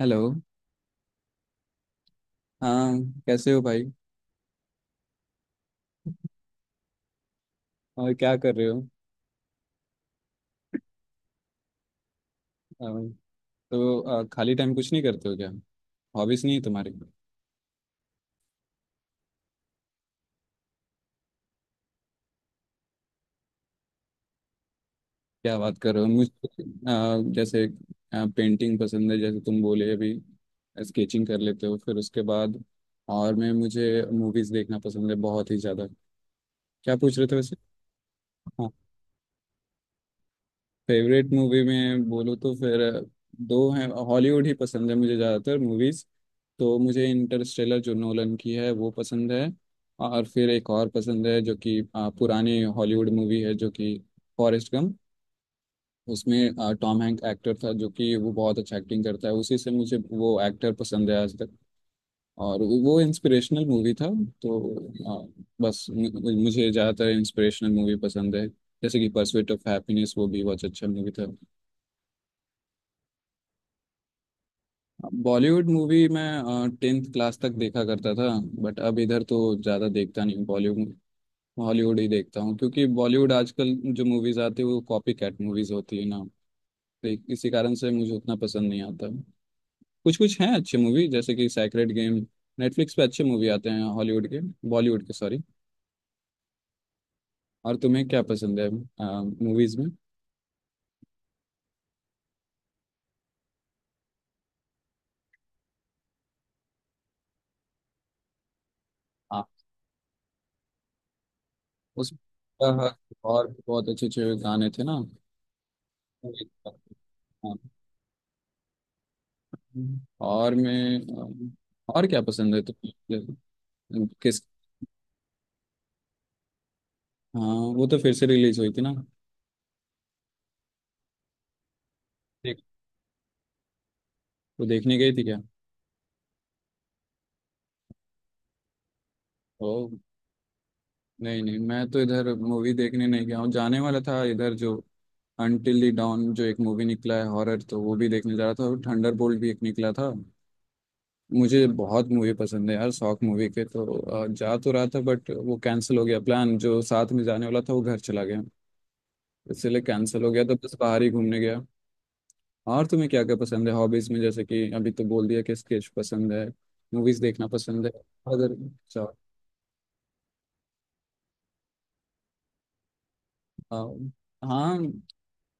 Hello. हाँ। कैसे हो भाई? और क्या कर रहे हो? अ, तो खाली टाइम कुछ नहीं करते हो क्या? हॉबीज नहीं है तुम्हारी? क्या बात कर रहे हो मुझे! जैसे पेंटिंग पसंद है, जैसे तुम बोले अभी स्केचिंग कर लेते हो, फिर उसके बाद। और मैं मुझे मूवीज देखना पसंद है, बहुत ही ज़्यादा। क्या पूछ रहे थे वैसे? हाँ। फेवरेट मूवी में बोलूँ तो फिर दो हैं। हॉलीवुड ही पसंद है मुझे ज़्यादातर, मूवीज़ तो मुझे इंटरस्टेलर जो नोलन की है वो पसंद है। और फिर एक और पसंद है, जो कि पुरानी हॉलीवुड मूवी है, जो कि फॉरेस्ट गम। उसमें टॉम हैंक एक्टर था, जो कि वो बहुत अच्छा एक्टिंग करता है, उसी से मुझे वो एक्टर पसंद है आज तक। और वो इंस्पिरेशनल मूवी था। तो बस मुझे ज़्यादातर इंस्पिरेशनल मूवी पसंद है, जैसे कि परस्यूट ऑफ हैप्पीनेस, वो भी बहुत अच्छा मूवी था। बॉलीवुड मूवी मैं 10th क्लास तक देखा करता था, बट अब इधर तो ज़्यादा देखता नहीं हूँ बॉलीवुड। हॉलीवुड ही देखता हूँ, क्योंकि बॉलीवुड आजकल जो मूवीज आती है वो कॉपी कैट मूवीज होती है ना। तो इसी कारण से मुझे उतना पसंद नहीं आता। कुछ कुछ हैं अच्छे मूवी, जैसे कि सैक्रेड गेम। नेटफ्लिक्स पे अच्छे मूवी आते हैं हॉलीवुड के, बॉलीवुड के सॉरी। और तुम्हें क्या पसंद है मूवीज में? हाँ। उस अ, और बहुत अच्छे अच्छे गाने थे ना। हाँ। और मैं और क्या पसंद है तुम्हें? किस? हाँ, वो तो फिर से रिलीज हुई थी ना। देख, वो देखने गई थी क्या? ओ, नहीं नहीं, मैं तो इधर मूवी देखने नहीं गया हूँ, जाने वाला था इधर। जो अनटिल द डॉन जो एक मूवी निकला है हॉरर, तो वो भी देखने जा रहा था, और थंडरबोल्ट भी एक निकला था। मुझे बहुत मूवी पसंद है यार, शौक मूवी के। तो जा तो रहा था, बट वो कैंसिल हो गया। प्लान जो साथ में जाने वाला था, वो घर चला गया, इसलिए कैंसिल हो गया। तो बस बाहर ही घूमने गया। और तुम्हें क्या क्या पसंद है हॉबीज में? जैसे कि अभी तो बोल दिया कि स्केच पसंद है, मूवीज देखना पसंद है। अगर अच्छा आ, हाँ।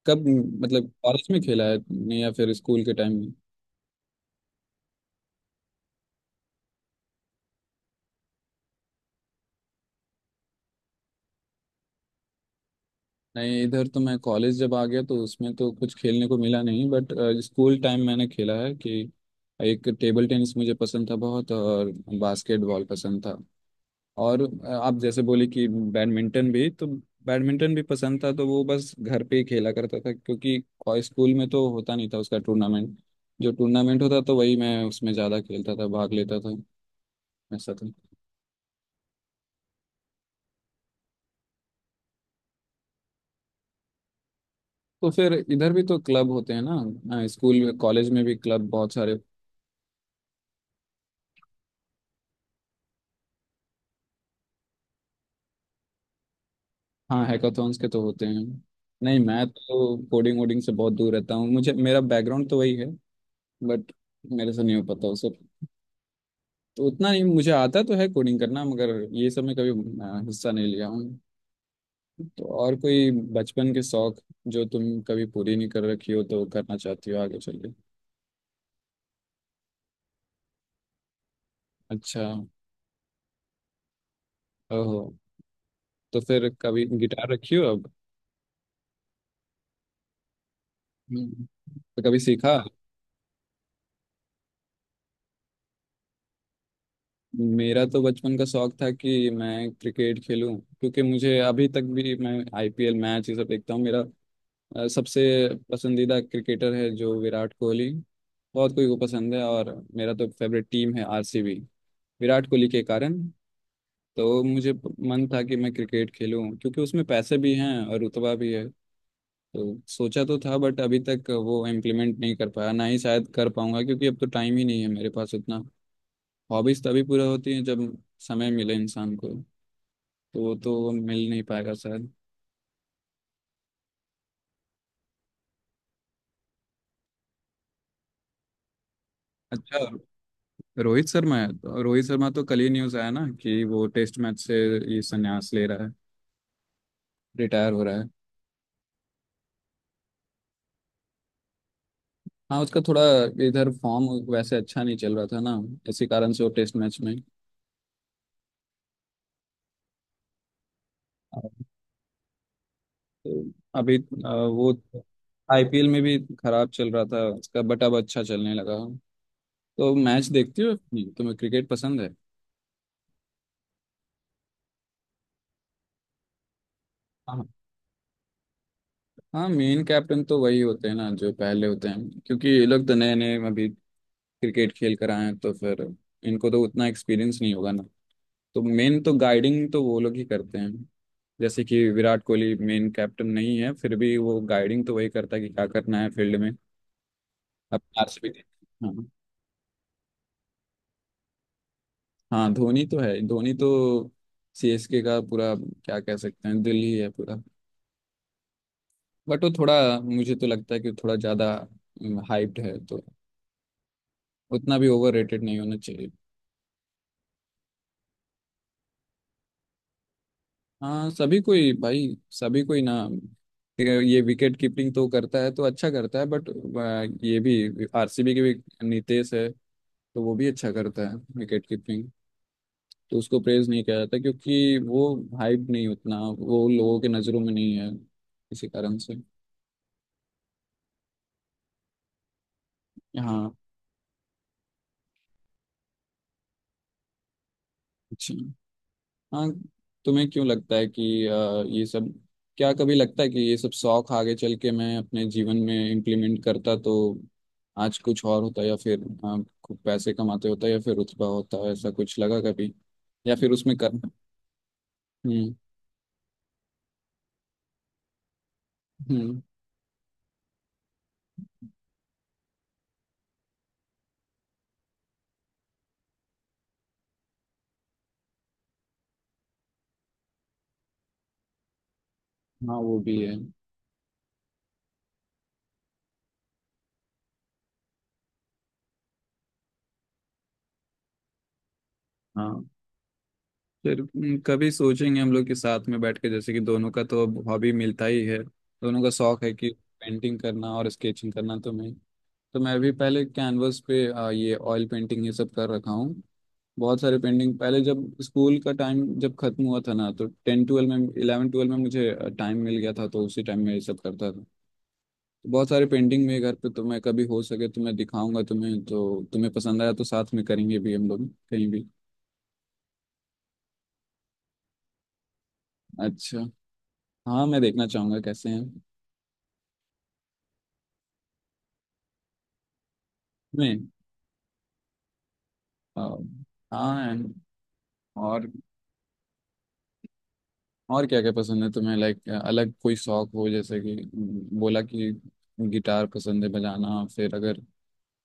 कब? मतलब कॉलेज में खेला है तुमने या फिर स्कूल के टाइम में? नहीं, इधर तो मैं कॉलेज जब आ गया तो उसमें तो कुछ खेलने को मिला नहीं, बट स्कूल टाइम मैंने खेला है कि एक टेबल टेनिस मुझे पसंद था बहुत, और बास्केटबॉल पसंद था। और आप जैसे बोले कि बैडमिंटन भी, तो बैडमिंटन भी पसंद था, तो वो बस घर पे ही खेला करता था, क्योंकि स्कूल में तो होता नहीं था उसका टूर्नामेंट। जो टूर्नामेंट होता तो वही मैं उसमें ज़्यादा खेलता था, भाग लेता था। ऐसा था। तो फिर इधर भी तो क्लब होते हैं ना, स्कूल में कॉलेज में भी क्लब बहुत सारे। हाँ, हैकाथॉन्स के तो होते हैं। नहीं, मैं तो कोडिंग वोडिंग से बहुत दूर रहता हूँ, मुझे मेरा बैकग्राउंड तो वही है। बट मेरे से नहीं हो पाता उसे, तो उतना नहीं मुझे आता तो है कोडिंग करना, मगर ये सब में कभी हिस्सा नहीं लिया हूँ। तो और कोई बचपन के शौक जो तुम कभी पूरी नहीं कर रखी हो तो करना चाहती हो आगे चल के? अच्छा। ओहो, तो फिर कभी गिटार रखी हो अब? हम्म। तो कभी सीखा? मेरा तो बचपन का शौक था कि मैं क्रिकेट खेलूं, क्योंकि मुझे अभी तक भी मैं आईपीएल मैच ये सब देखता हूँ। मेरा सबसे पसंदीदा क्रिकेटर है जो विराट कोहली, बहुत कोई को पसंद है, और मेरा तो फेवरेट टीम है आरसीबी, विराट कोहली के कारण। तो मुझे मन था कि मैं क्रिकेट खेलूं, क्योंकि उसमें पैसे भी हैं और रुतबा भी है। तो सोचा तो था, बट अभी तक वो इम्प्लीमेंट नहीं कर पाया, ना ही शायद कर पाऊंगा, क्योंकि अब तो टाइम ही नहीं है मेरे पास उतना। हॉबीज तभी पूरा होती हैं जब समय मिले इंसान को, तो वो तो मिल नहीं पाएगा शायद। अच्छा। रोहित शर्मा है तो? रोहित शर्मा तो कल ही न्यूज आया ना कि वो टेस्ट मैच से ये संन्यास ले रहा है, रिटायर हो रहा है। हाँ, उसका थोड़ा इधर फॉर्म वैसे अच्छा नहीं चल रहा था ना, इसी कारण से वो टेस्ट मैच में। तो अभी वो आईपीएल में भी खराब चल रहा था उसका, बट अब अच्छा चलने लगा। तो मैच देखती हो अपनी? तुम्हें क्रिकेट पसंद है? हाँ। हाँ, मेन कैप्टन तो वही होते हैं ना जो पहले होते हैं, क्योंकि ये लोग तो नए नए अभी क्रिकेट खेल कर आए हैं, तो फिर इनको तो उतना एक्सपीरियंस नहीं होगा ना। तो मेन तो गाइडिंग तो वो लोग ही करते हैं। जैसे कि विराट कोहली मेन कैप्टन नहीं है, फिर भी वो गाइडिंग तो वही करता है कि क्या करना है फील्ड में। अपना आरसीबी। हाँ, धोनी तो है। धोनी तो सीएसके का पूरा, क्या कह सकते हैं, दिल ही है पूरा। बट वो थोड़ा, मुझे तो लगता है कि थोड़ा ज्यादा हाइप्ड है, तो उतना भी ओवर रेटेड नहीं होना चाहिए। हाँ, सभी कोई भाई, सभी कोई ना। ये विकेट कीपिंग तो करता है तो अच्छा करता है, बट ये भी आरसीबी के भी नितेश है, तो वो भी अच्छा करता है विकेट कीपिंग, तो उसको प्रेज नहीं किया जाता, क्योंकि वो हाइप नहीं उतना, वो लोगों के नजरों में नहीं है, इसी कारण से। हाँ। अच्छा। हाँ। तुम्हें क्यों लगता है कि ये सब, क्या कभी लगता है कि ये सब शौक आगे चल के मैं अपने जीवन में इम्प्लीमेंट करता तो आज कुछ और होता, या फिर खूब पैसे कमाते होता या फिर रुतबा होता, ऐसा कुछ लगा कभी? या फिर उसमें कर? हम्म। हम्म। हाँ, वो भी है। हाँ, फिर कभी सोचेंगे हम लोग के साथ में बैठ के। जैसे कि दोनों का तो अब हॉबी मिलता ही है, दोनों का शौक है कि पेंटिंग करना और स्केचिंग करना। तो मैं भी पहले कैनवस पे ये ऑयल पेंटिंग ये सब कर रखा हूँ। बहुत सारे पेंटिंग पहले, जब स्कूल का टाइम जब खत्म हुआ था ना, तो टेन ट्वेल्व में, इलेवन ट्वेल्व में मुझे टाइम मिल गया था, तो उसी टाइम में ये सब करता था। तो बहुत सारे पेंटिंग मेरे घर पे, तो मैं कभी हो सके तो मैं दिखाऊंगा तुम्हें, तो तुम्हें पसंद आया तो साथ में करेंगे भी हम लोग कहीं भी। अच्छा। हाँ, मैं देखना चाहूंगा कैसे हैं। मैं आ, हाँ। और और क्या क्या पसंद है तुम्हें? लाइक अलग कोई शौक हो, जैसे कि बोला कि गिटार पसंद है बजाना, फिर अगर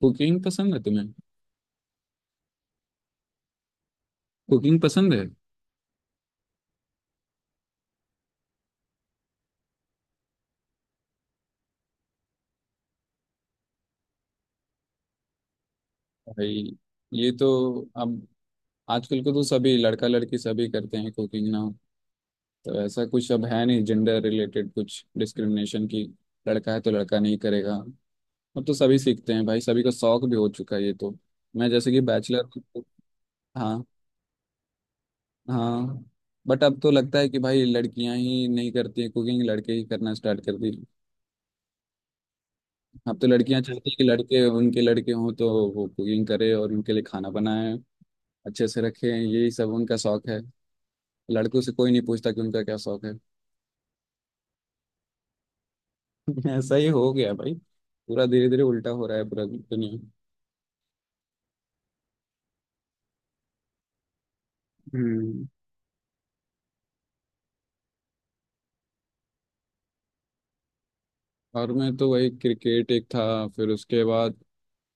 कुकिंग पसंद है तुम्हें? कुकिंग पसंद है? भाई, ये तो अब आजकल को तो सभी लड़का लड़की सभी करते हैं कुकिंग ना। तो ऐसा कुछ अब है नहीं जेंडर रिलेटेड कुछ डिस्क्रिमिनेशन की, लड़का है तो लड़का नहीं करेगा। अब तो सभी सीखते हैं भाई, सभी का शौक भी हो चुका है ये तो। मैं जैसे कि बैचलर। हाँ। हाँ, बट अब तो लगता है कि भाई लड़कियां ही नहीं करती हैं कुकिंग, लड़के ही करना स्टार्ट कर दी। अब तो लड़कियां चाहती हैं कि लड़के उनके, लड़के हों तो वो कुकिंग करे और उनके लिए खाना बनाए, अच्छे से रखें, यही सब उनका शौक है। लड़कों से कोई नहीं पूछता कि उनका क्या शौक है। ऐसा ही हो गया भाई, पूरा धीरे धीरे उल्टा हो रहा है पूरा दुनिया। हम्म। और मैं तो वही क्रिकेट एक था, फिर उसके बाद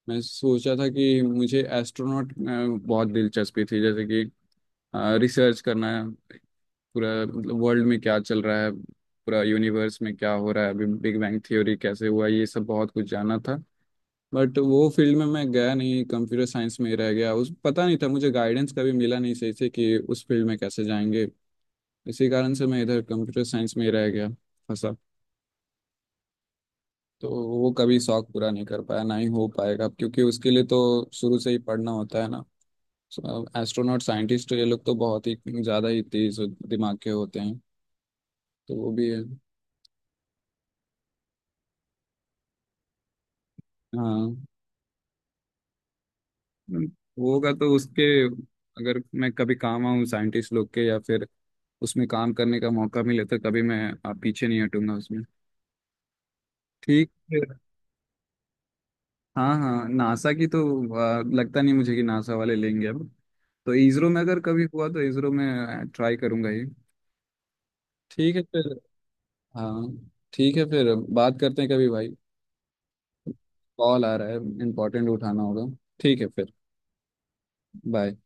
मैं सोचा था कि मुझे एस्ट्रोनॉट बहुत दिलचस्पी थी, जैसे कि रिसर्च करना है, पूरा मतलब वर्ल्ड में क्या चल रहा है, पूरा यूनिवर्स में क्या हो रहा है, अभी बिग बैंग थ्योरी कैसे हुआ, ये सब बहुत कुछ जाना था। बट वो फील्ड में मैं गया नहीं, कंप्यूटर साइंस में ही रह गया, उस पता नहीं था, मुझे गाइडेंस कभी मिला नहीं सही से कि उस फील्ड में कैसे जाएंगे, इसी कारण से मैं इधर कंप्यूटर साइंस में ही रह गया, फंसा। तो वो कभी शौक पूरा नहीं कर पाया, ना ही हो पाएगा, क्योंकि उसके लिए तो शुरू से ही पढ़ना होता है ना। एस्ट्रोनॉट, साइंटिस्ट ये लोग तो बहुत ही ज़्यादा ही तेज दिमाग के होते हैं, तो वो भी है। हाँ। हम्म, होगा तो उसके, अगर मैं कभी काम आऊँ साइंटिस्ट लोग के या फिर उसमें काम करने का मौका मिले, तो कभी मैं पीछे नहीं हटूंगा उसमें। ठीक है। हाँ। हाँ, नासा की तो लगता नहीं मुझे कि नासा वाले लेंगे अब, तो इसरो में अगर कभी हुआ तो इसरो में ट्राई करूंगा ही। ठीक है फिर। हाँ। ठीक है फिर, बात करते हैं कभी भाई। कॉल आ रहा है, इम्पोर्टेंट, उठाना होगा। ठीक है फिर। बाय।